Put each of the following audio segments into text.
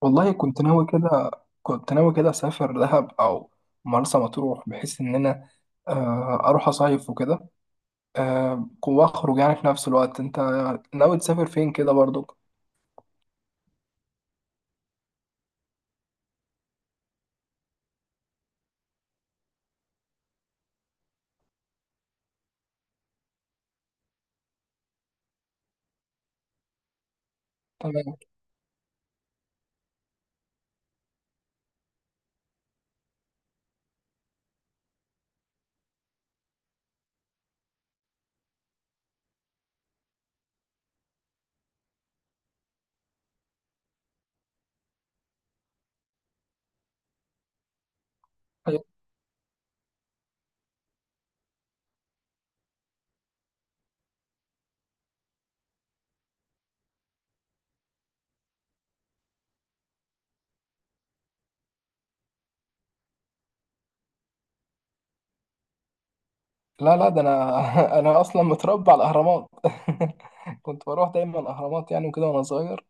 والله كنت ناوي كده. كنت ناوي كده أسافر دهب أو مرسى مطروح بحيث إن أنا أروح أصيف وكده. وأخرج يعني في نفس الوقت، أنت ناوي تسافر فين كده برضو؟ تمام. طيب. لا لا، ده أنا أنا أصلا متربى على الأهرامات. كنت بروح دايما الأهرامات يعني وكده وأنا صغير،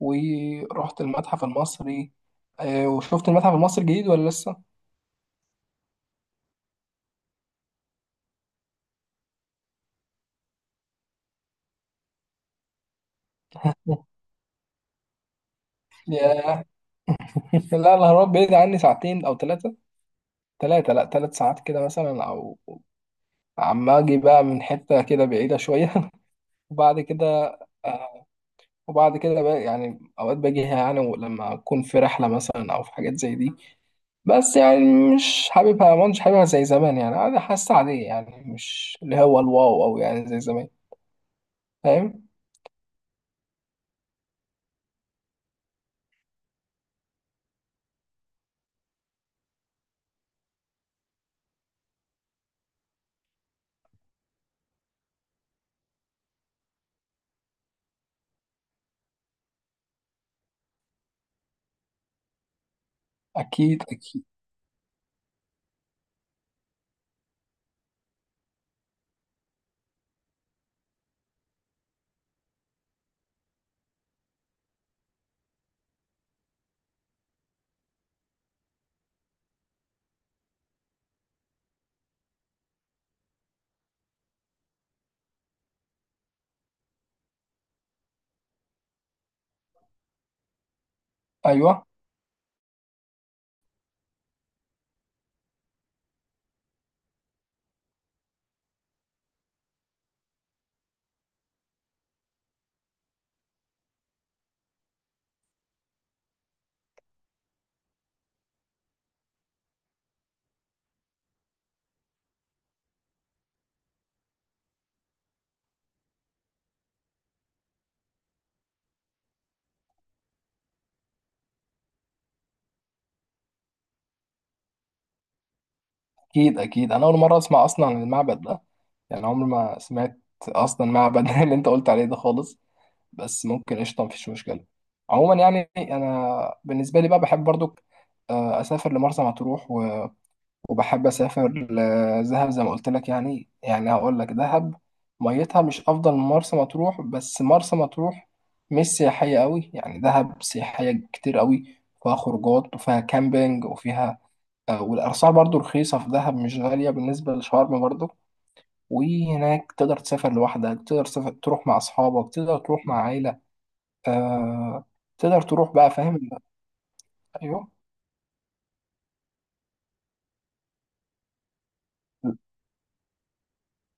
ورحت المتحف المصري. وشفت المتحف المصري الجديد ولا لسه؟ ياه. لا، الأهرامات بعيد عني ساعتين أو ثلاثة. تلاتة، لا، تلات ساعات كده مثلا، أو عم أجي بقى من حتة كده بعيدة شوية. وبعد كده، آه، وبعد كده بقى يعني أوقات باجيها يعني لما أكون في رحلة مثلا أو في حاجات زي دي. بس يعني مش حاببها زي زمان، يعني أنا حاسة عادية يعني، مش اللي هو الواو أو يعني زي زمان. فاهم. أكيد أكيد. أيوه. أكيد أكيد، أنا أول مرة أسمع أصلا عن المعبد ده. يعني عمري ما سمعت أصلا معبد اللي أنت قلت عليه ده خالص. بس ممكن، قشطه مفيش مشكله. عموما يعني انا بالنسبه لي بقى بحب برضو، اسافر لمرسى مطروح وبحب اسافر لدهب زي ما قلت لك. يعني يعني هقول لك دهب ميتها مش افضل من مرسى مطروح، بس مرسى مطروح مش سياحيه قوي يعني، دهب سياحيه كتير قوي. فيها خروجات وفيها كامبينج وفيها والاسعار برضو رخيصه في دهب، مش غاليه بالنسبه لشرم برضو. وهناك تقدر تسافر لوحدك، تقدر تسافر تروح مع اصحابك، تقدر تروح مع عيلة. آه. تقدر تروح بقى، فاهم. ايوه.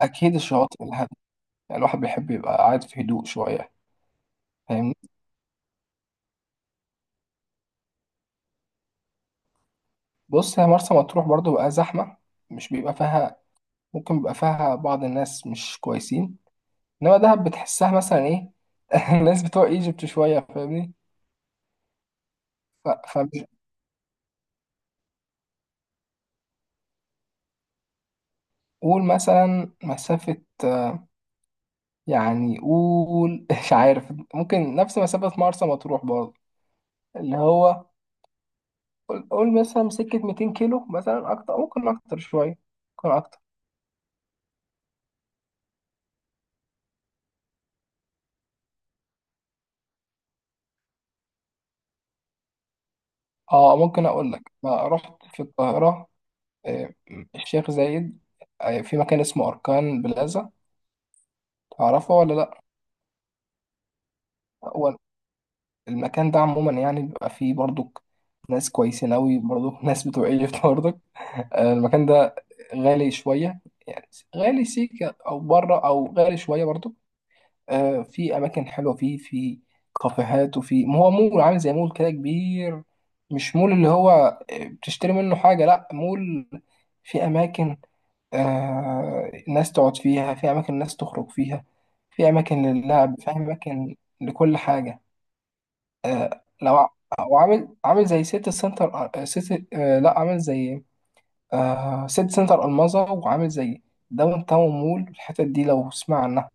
اكيد الشواطئ الهادية، يعني الواحد بيحب يبقى قاعد في هدوء شويه، فاهمني. بص، هي مرسى مطروح برضو بقى زحمه. مش بيبقى فيها، ممكن بيبقى فيها بعض الناس مش كويسين. انما دهب بتحسها مثلا ايه، الناس بتوع ايجيبت شويه، فاهمني. فمش، قول مثلا مسافه، يعني قول مش عارف، ممكن نفس مسافه مرسى مطروح برضو. اللي هو، قول قول مثلا سكة 200 كيلو مثلا، أكتر ممكن، أكتر شوية، ممكن أكتر. أه ممكن أقول لك، أنا رحت في القاهرة. آه، الشيخ زايد. في مكان اسمه أركان بلازا، تعرفه ولا لأ؟ هو المكان ده عموما يعني بيبقى فيه برضك ناس كويسين أوي برضك، ناس بتوع إيجيبت برضك. المكان ده غالي شوية يعني، غالي سيكة أو بره، أو غالي شوية برضك. في اماكن حلوه، فيه في كافيهات، وفي ما هو مول عامل زي مول كده كبير. مش مول اللي هو بتشتري منه حاجه، لا مول في اماكن، آه ناس تقعد فيها، في اماكن ناس تخرج فيها، في اماكن للعب، في اماكن لكل حاجه. آه وعامل، عامل زي سيتي سنتر، آه، سيتي آه لا عامل زي، سيتي سنتر الماظة، وعامل زي داون تاون مول. الحتت دي لو تسمع عنها.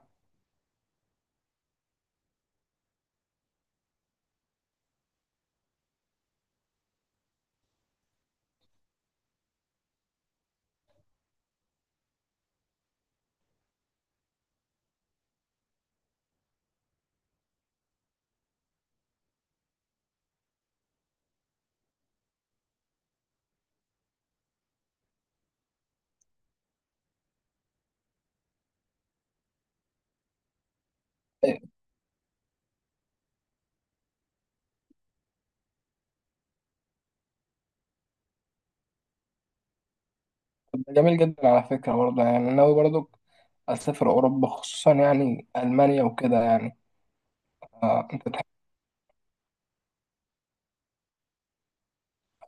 جميل جدا على فكرة. برضه يعني أنا ناوي برضه أسافر أوروبا، خصوصا يعني ألمانيا وكده يعني. آه أنت تحب.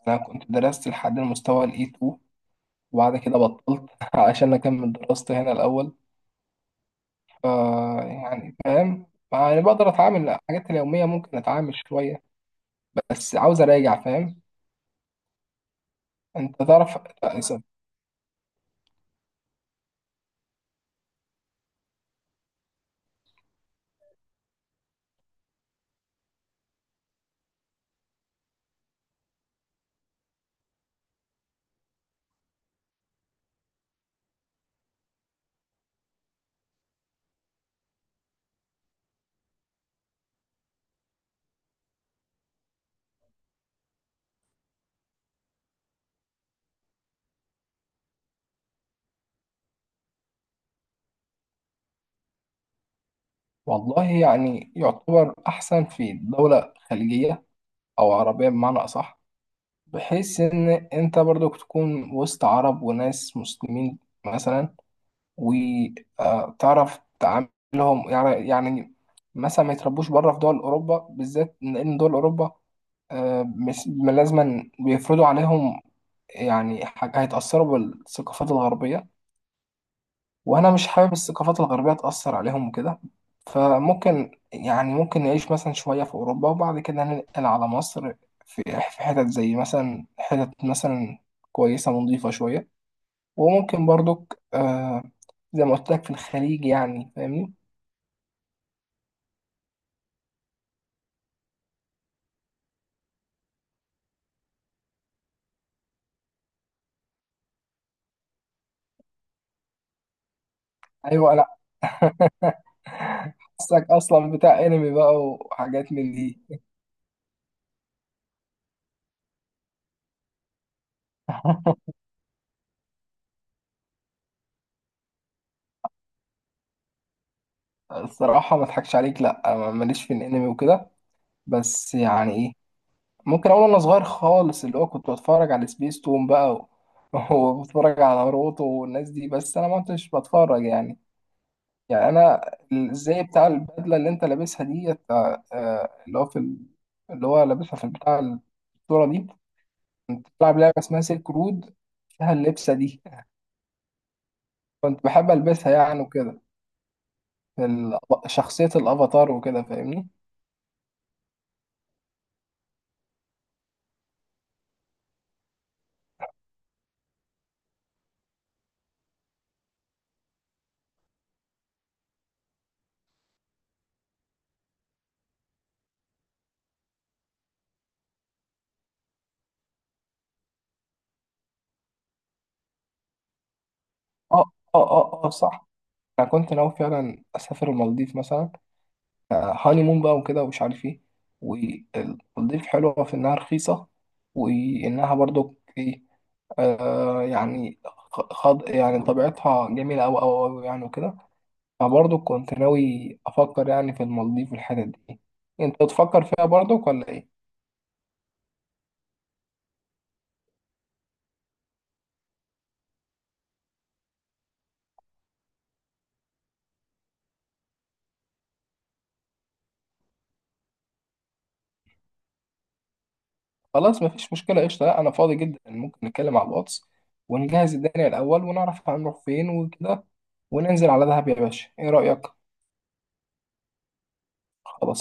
أنا كنت درست لحد المستوى ال E2، وبعد كده بطلت عشان أكمل دراستي هنا الأول. ف يعني فاهم، يعني بقدر أتعامل الحاجات اليومية، ممكن أتعامل شوية، بس عاوز أراجع. فاهم. أنت تعرف. للأسف. والله يعني يعتبر أحسن في دولة خليجية، أو عربية بمعنى أصح، بحيث ان انت برضو تكون وسط عرب وناس مسلمين مثلا، وتعرف تعاملهم يعني. يعني مثلا ما يتربوش بره في دول اوروبا بالذات، لان دول اوروبا مش لازما بيفرضوا عليهم يعني حاجة، هيتأثروا بالثقافات الغربية. وانا مش حابب الثقافات الغربيه تاثر عليهم وكده. فممكن يعني ممكن نعيش مثلا شويه في اوروبا وبعد كده ننقل على مصر، في في حتت زي مثلا، حتت مثلا كويسه ونضيفه شويه. وممكن برضك آه، زي ما قلت لك في الخليج يعني، فاهمني. ايوه. لا حاسك اصلا بتاع انمي بقى وحاجات من دي. الصراحه ما اضحكش عليك، لا أنا ماليش في الانمي وكده. بس يعني إيه، ممكن اقول انا صغير خالص اللي هو كنت بتفرج على سبيس تون بقى وبتفرج على روتو والناس دي، بس انا ما كنتش بتفرج يعني. يعني انا، الزي بتاع البدله اللي انت لابسها دي، اللي هو في اللي هو لابسها في بتاع الصوره دي. كنت بلعب لعبه اسمها سيلك رود، فيها اللبسه دي. كنت بحب البسها يعني وكده. في شخصيه الافاتار وكده، فاهمني. اه اه اه اه صح. انا كنت ناوي فعلا اسافر المالديف مثلا، هاني مون بقى وكده ومش عارف ايه. والمالديف حلوة في إنها رخيصة، وإنها برضو ايه، آه يعني، خض يعني طبيعتها جميلة أوي أوي أوي يعني وكده. فبرضو كنت ناوي أفكر يعني في المالديف والحتت دي. أنت بتفكر فيها برضو ولا إيه؟ خلاص، مفيش مشكلة، قشطة. لأ، أنا فاضي جدا، ممكن نتكلم على الواتس، ونجهز الدنيا الأول، ونعرف هنروح فين وكده، وننزل على دهب يا باشا، إيه رأيك؟ خلاص.